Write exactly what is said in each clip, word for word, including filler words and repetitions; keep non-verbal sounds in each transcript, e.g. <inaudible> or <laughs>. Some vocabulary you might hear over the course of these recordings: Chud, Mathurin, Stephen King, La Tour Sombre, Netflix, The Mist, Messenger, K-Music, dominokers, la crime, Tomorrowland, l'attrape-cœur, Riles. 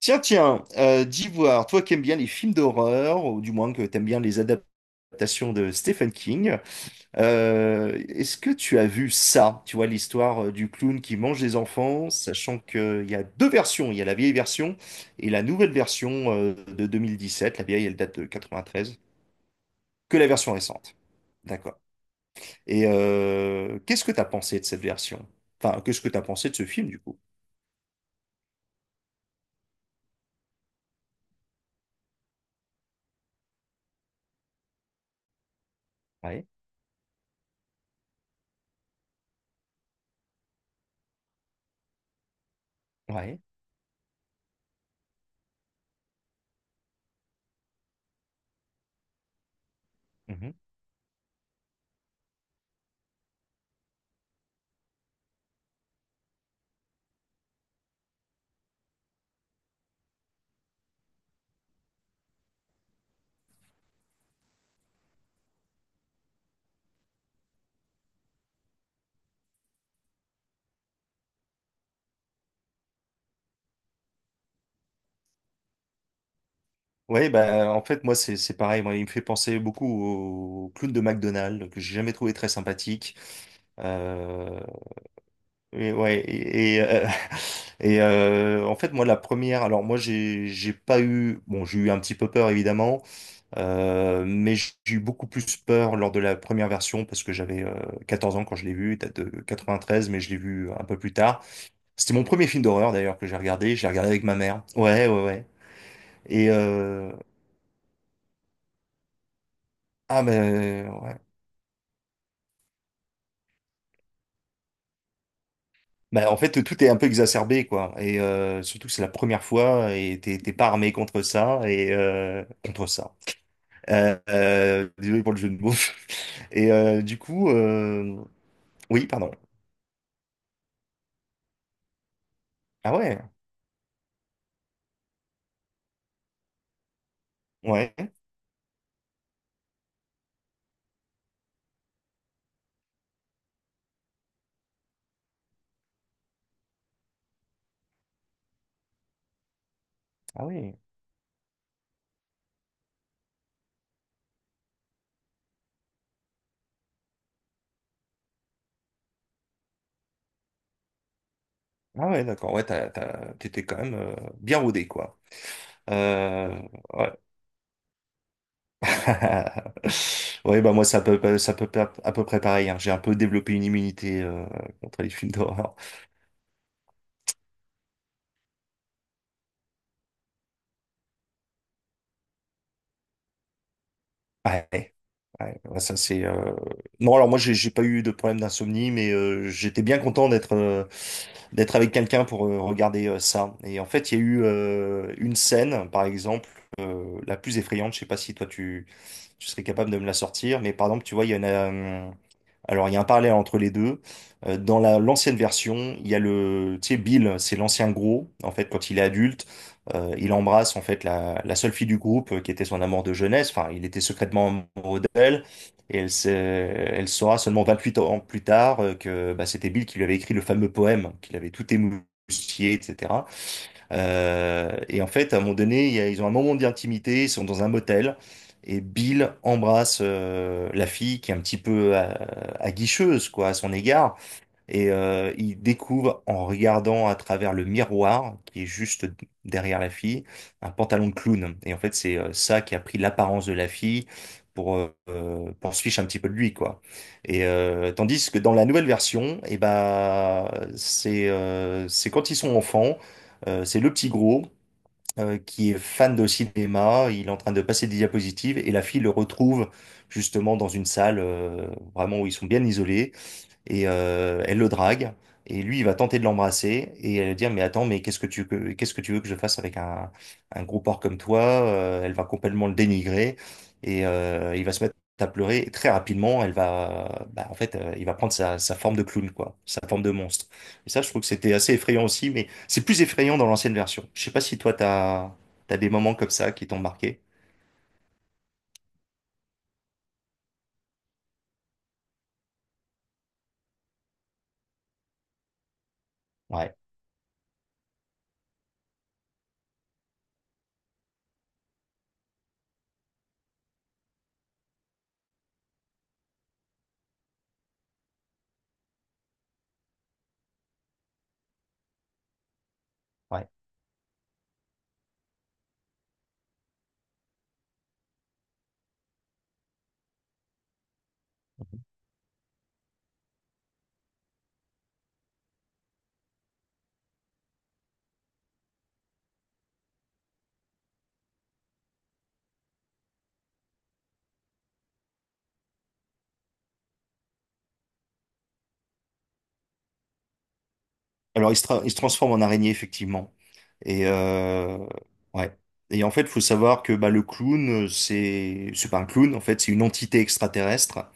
Tiens, tiens, euh, d'Ivoire, toi qui aimes bien les films d'horreur, ou du moins que t'aimes bien les adaptations de Stephen King, euh, est-ce que tu as vu ça? Tu vois, l'histoire euh, du clown qui mange des enfants, sachant qu'il y a deux versions. Il y a la vieille version et la nouvelle version euh, de sept. La vieille, elle date de quatre-vingt-treize. Que la version récente. D'accord. Et euh, qu'est-ce que t'as pensé de cette version? Enfin, qu'est-ce que t'as pensé de ce film, du coup? Ouais, ouais. Ouais, bah, en fait, moi, c'est c'est pareil. Moi, il me fait penser beaucoup au clown de McDonald's, que j'ai jamais trouvé très sympathique. Euh, et ouais, et, et, euh, <laughs> et, euh, en fait, moi, la première, alors moi, j'ai j'ai pas eu, bon, j'ai eu un petit peu peur, évidemment, euh, mais j'ai eu beaucoup plus peur lors de la première version, parce que j'avais euh, quatorze ans quand je l'ai vu, date de quatre-vingt-treize, mais je l'ai vu un peu plus tard. C'était mon premier film d'horreur, d'ailleurs, que j'ai regardé, j'ai regardé avec ma mère. Ouais, ouais, ouais. Et, euh, ah, ben ouais. Bah, en fait, tout est un peu exacerbé, quoi. Et euh, surtout que c'est la première fois et t'es t'es pas armé contre ça et euh, contre ça. Euh, euh, désolé pour le jeu de mots. <laughs> Et euh, du coup, euh, oui, pardon. Ah ouais, ouais, ah oui, ah ouais, d'accord. Ouais, t'as, t'as- t'étais quand même euh, bien rodé, quoi. Euh, ouais. <laughs> Ouais, bah moi, ça peut, ça peut à peu près pareil, hein. J'ai un peu développé une immunité euh, contre les films d'horreur. Ouais, ouais, ouais, ça c'est. Euh, Non, alors moi j'ai j'ai pas eu de problème d'insomnie, mais euh, j'étais bien content d'être euh, d'être avec quelqu'un pour euh, regarder euh, ça. Et en fait, il y a eu euh, une scène, par exemple, euh, la plus effrayante. Je sais pas si toi tu tu serais capable de me la sortir, mais par exemple, tu vois, il y en a. euh, alors il y a un parallèle entre les deux. Euh, dans la l'ancienne version, il y a le, tu sais, Bill, c'est l'ancien gros. En fait, quand il est adulte. Euh, il embrasse en fait la, la seule fille du groupe euh, qui était son amour de jeunesse. Enfin, il était secrètement amoureux d'elle et elle, s'est- elle saura seulement vingt-huit ans plus tard euh, que bah, c'était Bill qui lui avait écrit le fameux poème, qu'il avait tout émoustillé, et cetera. Euh, et en fait, à un moment donné, il y a- ils ont un moment d'intimité, ils sont dans un motel et Bill embrasse euh, la fille qui est un petit peu euh, aguicheuse quoi, à son égard. Et euh, il découvre en regardant à travers le miroir qui est juste derrière la fille un pantalon de clown. Et en fait, c'est euh, ça qui a pris l'apparence de la fille pour euh, euh, pour se fiche un petit peu de lui quoi. Et euh, tandis que dans la nouvelle version, et ben c'est euh, c'est quand ils sont enfants, euh, c'est le petit gros euh, qui est fan de cinéma, il est en train de passer des diapositives et la fille le retrouve justement dans une salle euh, vraiment où ils sont bien isolés et euh, elle le drague et lui il va tenter de l'embrasser et elle va dire mais attends, mais qu'est-ce que tu que- qu'est-ce que tu veux que je fasse avec un un gros porc comme toi. Euh, elle va complètement le dénigrer et euh, il va se mettre à pleurer et très rapidement elle va bah, en fait euh, il va prendre sa, sa forme de clown quoi, sa forme de monstre, et ça je trouve que c'était assez effrayant aussi, mais c'est plus effrayant dans l'ancienne version. Je sais pas si toi t'as t'as des moments comme ça qui t'ont marqué. Ouais, ouais. Alors, il se, tra- il se transforme en araignée, effectivement. Et euh, ouais. Et en fait, faut savoir que bah, le clown, euh, c'est c'est pas un clown, en fait, c'est une entité extraterrestre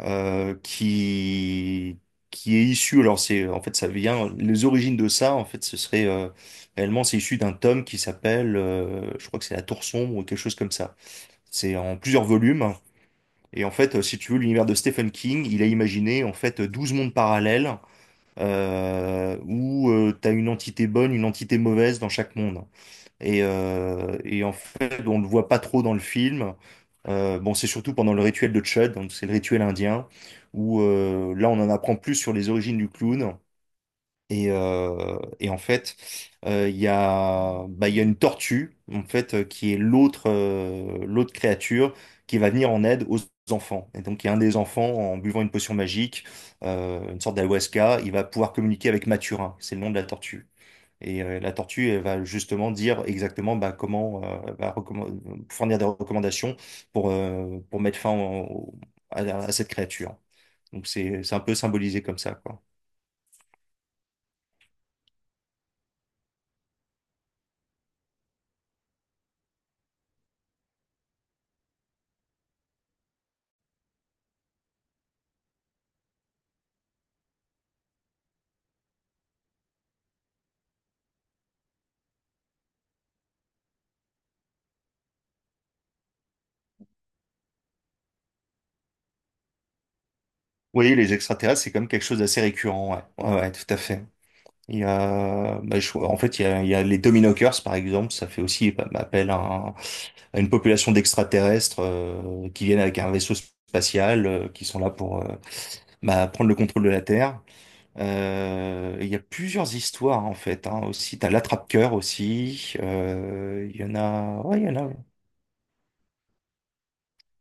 euh, qui qui est issue. Alors, c'est en fait, ça vient. Les origines de ça, en fait, ce serait euh, réellement, c'est issu d'un tome qui s'appelle, euh, je crois que c'est La Tour Sombre ou quelque chose comme ça. C'est en plusieurs volumes. Et en fait, euh, si tu veux, l'univers de Stephen King, il a imaginé en fait douze mondes parallèles euh, où tu as une entité bonne, une entité mauvaise dans chaque monde. Et, euh, et en fait, on ne le voit pas trop dans le film. Euh, bon, c'est surtout pendant le rituel de Chud, donc c'est le rituel indien, où euh, là, on en apprend plus sur les origines du clown. Et, euh, et en fait, euh, il y a, bah, Il y a une tortue, en fait, euh, qui est l'autre euh, l'autre créature qui va venir en aide aux enfants. Et donc, il y a un des enfants, en buvant une potion magique, euh, une sorte d'ayahuasca, il va pouvoir communiquer avec Mathurin, c'est le nom de la tortue. Et euh, la tortue, elle va justement dire exactement bah, comment, euh, elle va recommen- fournir des recommandations pour, euh, pour mettre fin au- à, à cette créature. Donc, c'est, c'est un peu symbolisé comme ça, quoi. Oui, les extraterrestres, c'est quand même quelque chose d'assez récurrent, ouais. Ouais, ouais, tout à fait. Il y a, bah, je- en fait, il y a, il y a les dominokers, par exemple, ça fait aussi bah, appel à, un- à une population d'extraterrestres euh, qui viennent avec un vaisseau spatial, euh, qui sont là pour euh, bah, prendre le contrôle de la Terre. Euh, Il y a plusieurs histoires en fait, hein, aussi, t'as l'attrape-cœur aussi. Euh, Il y en a. Ouais, il y en a, ouais.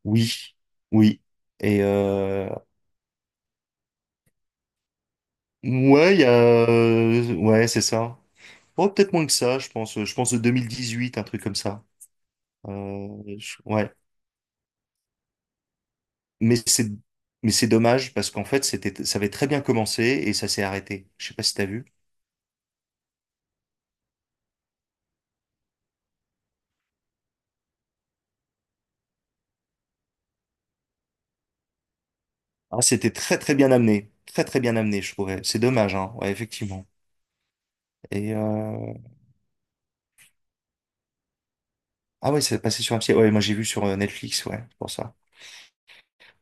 Oui, oui. Et euh... Ouais, il y a. Euh, ouais, c'est ça. Oh, peut-être moins que ça, je pense. Je pense de deux mille dix-huit, un truc comme ça. Euh, je- Ouais. Mais c'est. Mais c'est dommage parce qu'en fait, c'était. ça avait très bien commencé et ça s'est arrêté. Je sais pas si t'as vu. Ah, c'était très très bien amené. Très très bien amené, je trouvais. C'est dommage, hein. Ouais, effectivement. Et euh... Ah ouais, c'est passé sur un petit... Ouais, moi j'ai vu sur euh, Netflix, ouais, c'est pour ça.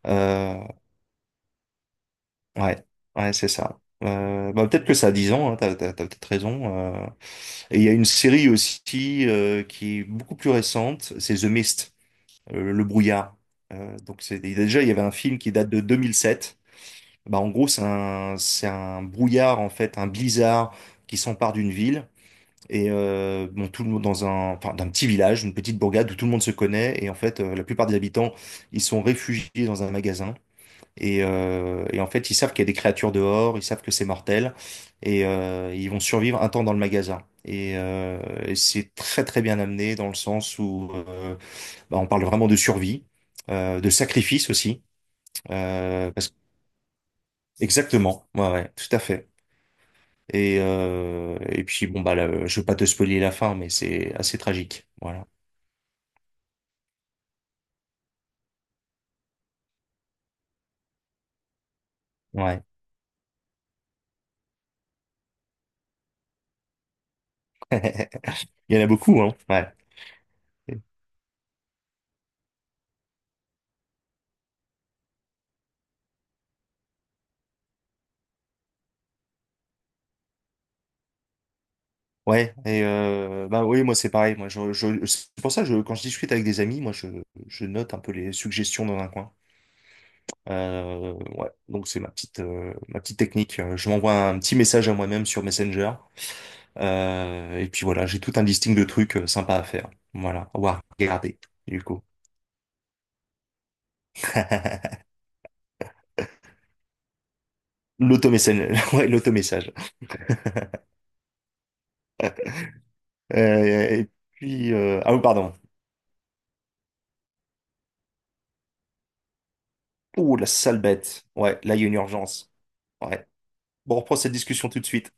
Euh, ouais, ouais, c'est ça. Euh, bah, peut-être que ça a dix ans, hein, t'as, t'as- t'as peut-être raison. Euh. Et il y a une série aussi euh, qui est beaucoup plus récente, c'est The Mist, euh, le brouillard. Euh, donc c'est déjà, il y avait un film qui date de deux mille sept. Bah en gros c'est un, c'est un brouillard en fait, un blizzard qui s'empare d'une ville. Et euh, bon, tout le monde dans un, enfin, d'un petit village, une petite bourgade où tout le monde se connaît. Et en fait, euh, la plupart des habitants, ils sont réfugiés dans un magasin. Et, euh, et en fait, ils savent qu'il y a des créatures dehors, ils savent que c'est mortel. Et euh, ils vont survivre un temps dans le magasin. Et, euh, et c'est très très bien amené dans le sens où euh, bah, on parle vraiment de survie, euh, de sacrifice aussi. Euh, parce... Exactement, ouais, ouais, tout à fait. Et, euh, et puis bon bah là, je veux pas te spoiler la fin, mais c'est assez tragique. Voilà. Ouais. <laughs> Il y en a beaucoup, hein. Ouais. Ouais. Et euh, bah oui, moi c'est pareil. Moi, je, je, c'est pour ça que je, quand je discute avec des amis, moi je, je note un peu les suggestions dans un coin. Euh, ouais. Donc c'est ma petite euh, ma petite technique. Euh, Je m'envoie un petit message à moi-même sur Messenger. Euh, et puis voilà, j'ai tout un listing de trucs euh, sympas à faire. Voilà, ou à voir, regarder, du coup. <laughs> L'automessage, <laughs> ouais, l'automessage. Euh, et puis, euh, ah oui, pardon. Ouh, la sale bête. Ouais, là, il y a une urgence. Ouais. Bon, on reprend cette discussion tout de suite.